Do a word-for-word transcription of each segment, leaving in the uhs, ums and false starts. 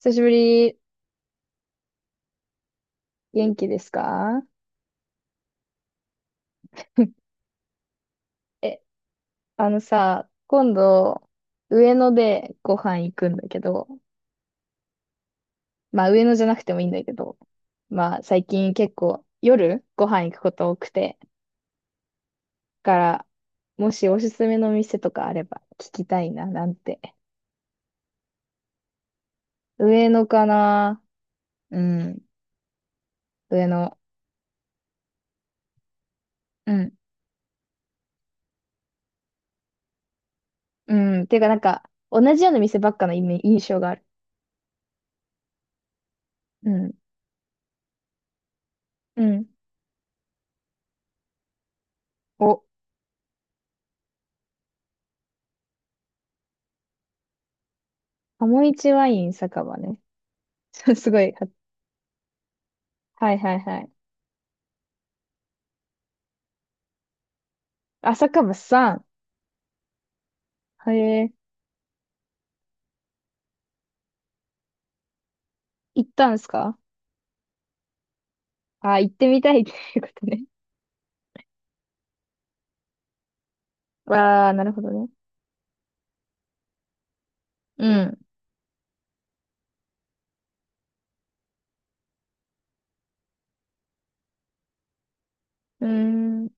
久しぶり。元気ですか？ え、あのさ、今度、上野でご飯行くんだけど、まあ上野じゃなくてもいいんだけど、まあ最近結構夜ご飯行くこと多くて、だから、もしおすすめの店とかあれば聞きたいな、なんて。上野かな。うん、上野。うん、うん。ていうかなんか、同じような店ばっかのイメ印象がある。うん、うん。お、鴨一ワイン酒場ね。すごい。はいはいはい。朝かさん。へえ、行ったんですかあ、行ってみたいっていうことね。ああ、なるほどね。うん。うーん。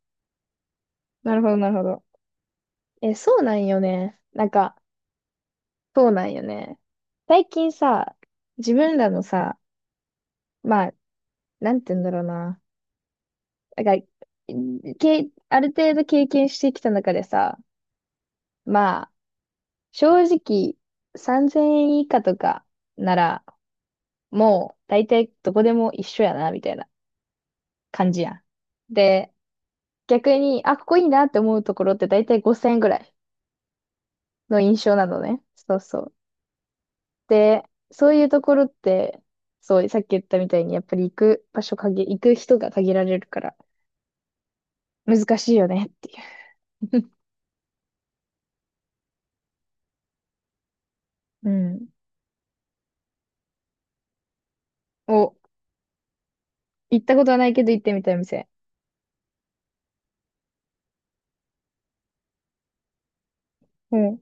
なるほど、なるほど。え、そうなんよね。なんか、そうなんよね。最近さ、自分らのさ、まあ、なんて言うんだろうな。なんか、け、ある程度経験してきた中でさ、まあ、正直、さんぜんえん以下とかなら、もう、大体どこでも一緒やな、みたいな。感じやん。で、逆に、あ、ここいいなって思うところって大体ごせんえんぐらいの印象なのね。そうそう。で、そういうところって、そう、さっき言ったみたいに、やっぱり行く場所限、行く人が限られるから、難しいよねっていう。うん。お、行ったことはないけど行ってみたい店。うん。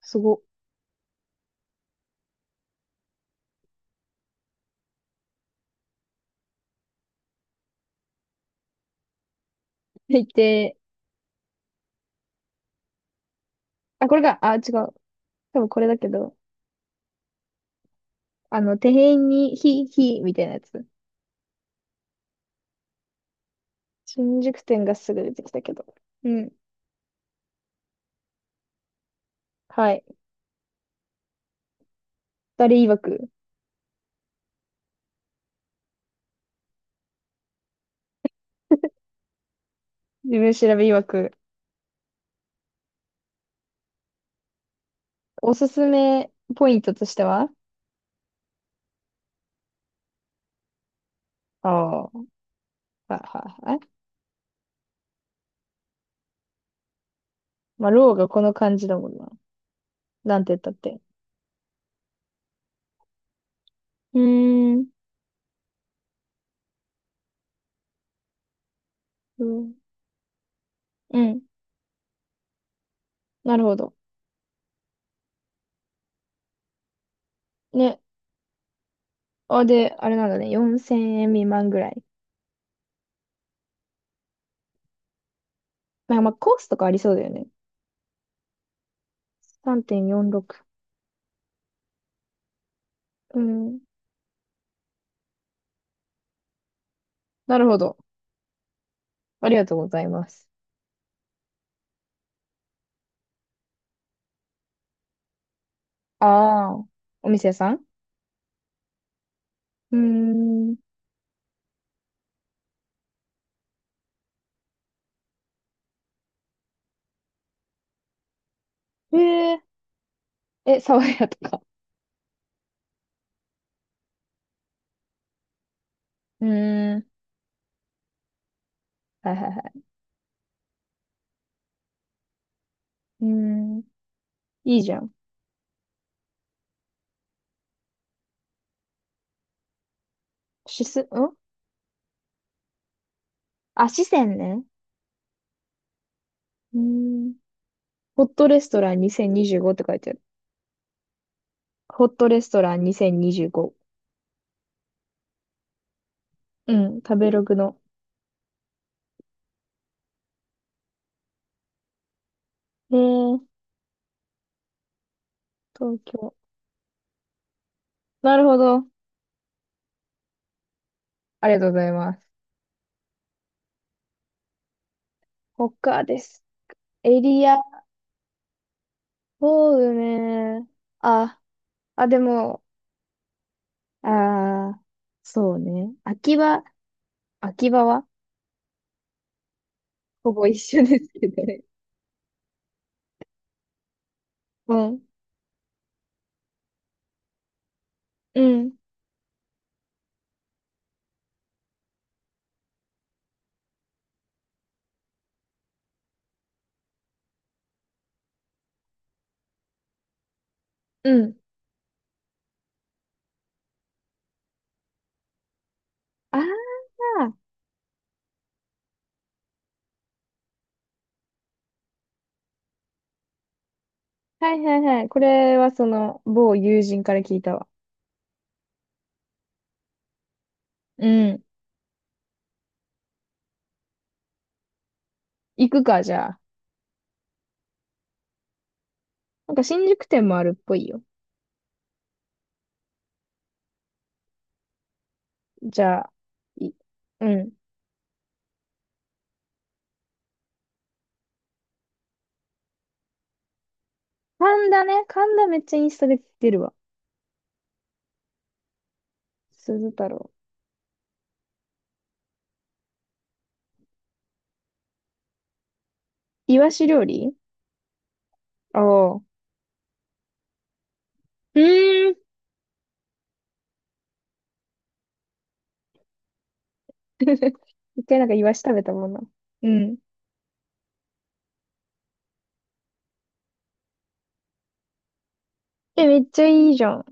すご。で行って、あ、これが、あ、違う。多分これだけど、あの、店員に、ひ、ひ、みたいなやつ。新宿店がすぐ出てきたけど。うん。はい。誰曰く。自分調べ曰く、おすすめポイントとしては、ああ、はいはいはい。まあ、ローがこの感じだもんな。なんて言ったって。うーん、うん、うん、なるほど。ね。あ、で、あれなんだね。よんせんえん未満ぐらい。まあ、まあ、コースとかありそうだよね。さんてんよんろく。うん、なるほど。ありがとうございます。ああ、お店屋さん。うーん、えー、え、爽やとか。うーん、はいはいはい。うーん、いいじゃん。しす、んあ、四川ね。うーん。ホットレストランにせんにじゅうごって書いてある。ホットレストランにせんにじゅうご。うん、食べログの。えー、東京。なるほど。ありがとうございます。他です。エリア、そうね。あ、あ、でも、あー、そうね。秋葉、秋葉はほぼ一緒ですけどね。うん、うん、うん。あー、はいはいはい。これはその、某友人から聞いたわ。うん。行くか、じゃあ。なんか新宿店もあるっぽいよ。じゃあ、い、うん。神田ね。神田めっちゃインスタで出るわ。鈴太郎。イワシ料理。ああ。うーん。一回なんかイワシ食べたもんな。うん。え、めっちゃいいじゃん。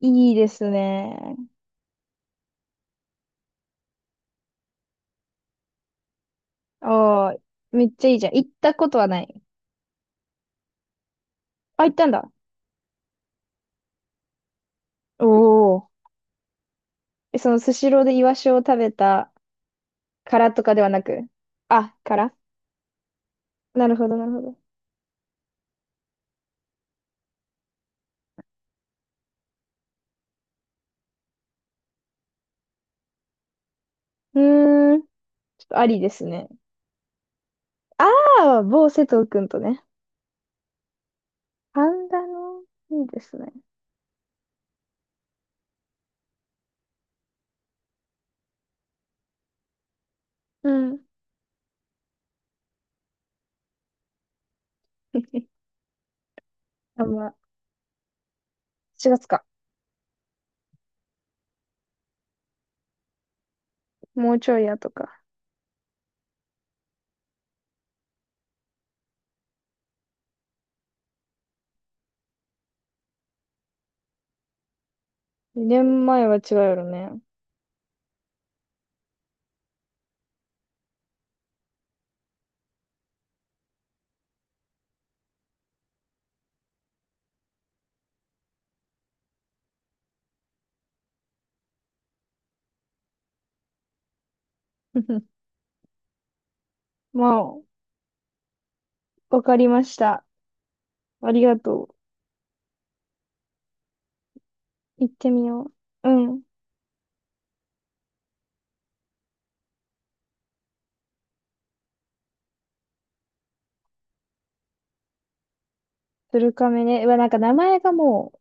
いいですね。ああ、めっちゃいいじゃん。行ったことはない。あ、行ったんだ。おお。え、そのスシローでイワシを食べたからとかではなく。あ、からなるほど、なるほど。うーん。ちょっとありですね。ああ、某瀬戸くんとね。パンダの、いいですね。うん。あ、まあ、月か。もうちょいやとか。年前は違うよね。まあ、わかりました。ありがとう。行ってみよう。うん。鶴亀ね。うわ、なんか名前がもう。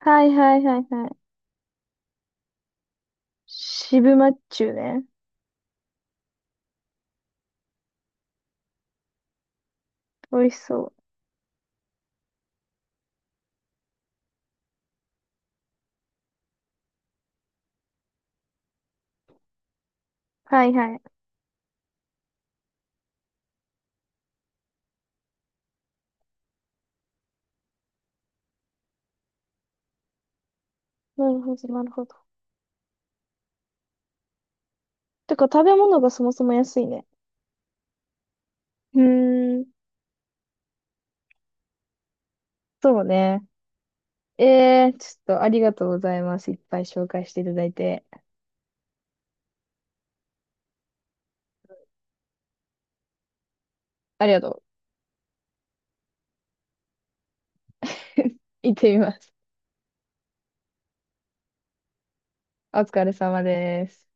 はいはいはいはい。渋マッチュね。美味しそう。はいはい。なるほど、なるほど。てか、食べ物がそもそも安いね。うーん。そうね。えー、ちょっとありがとうございます。いっぱい紹介していただいて。ありがとう。行ってみます。お疲れ様です。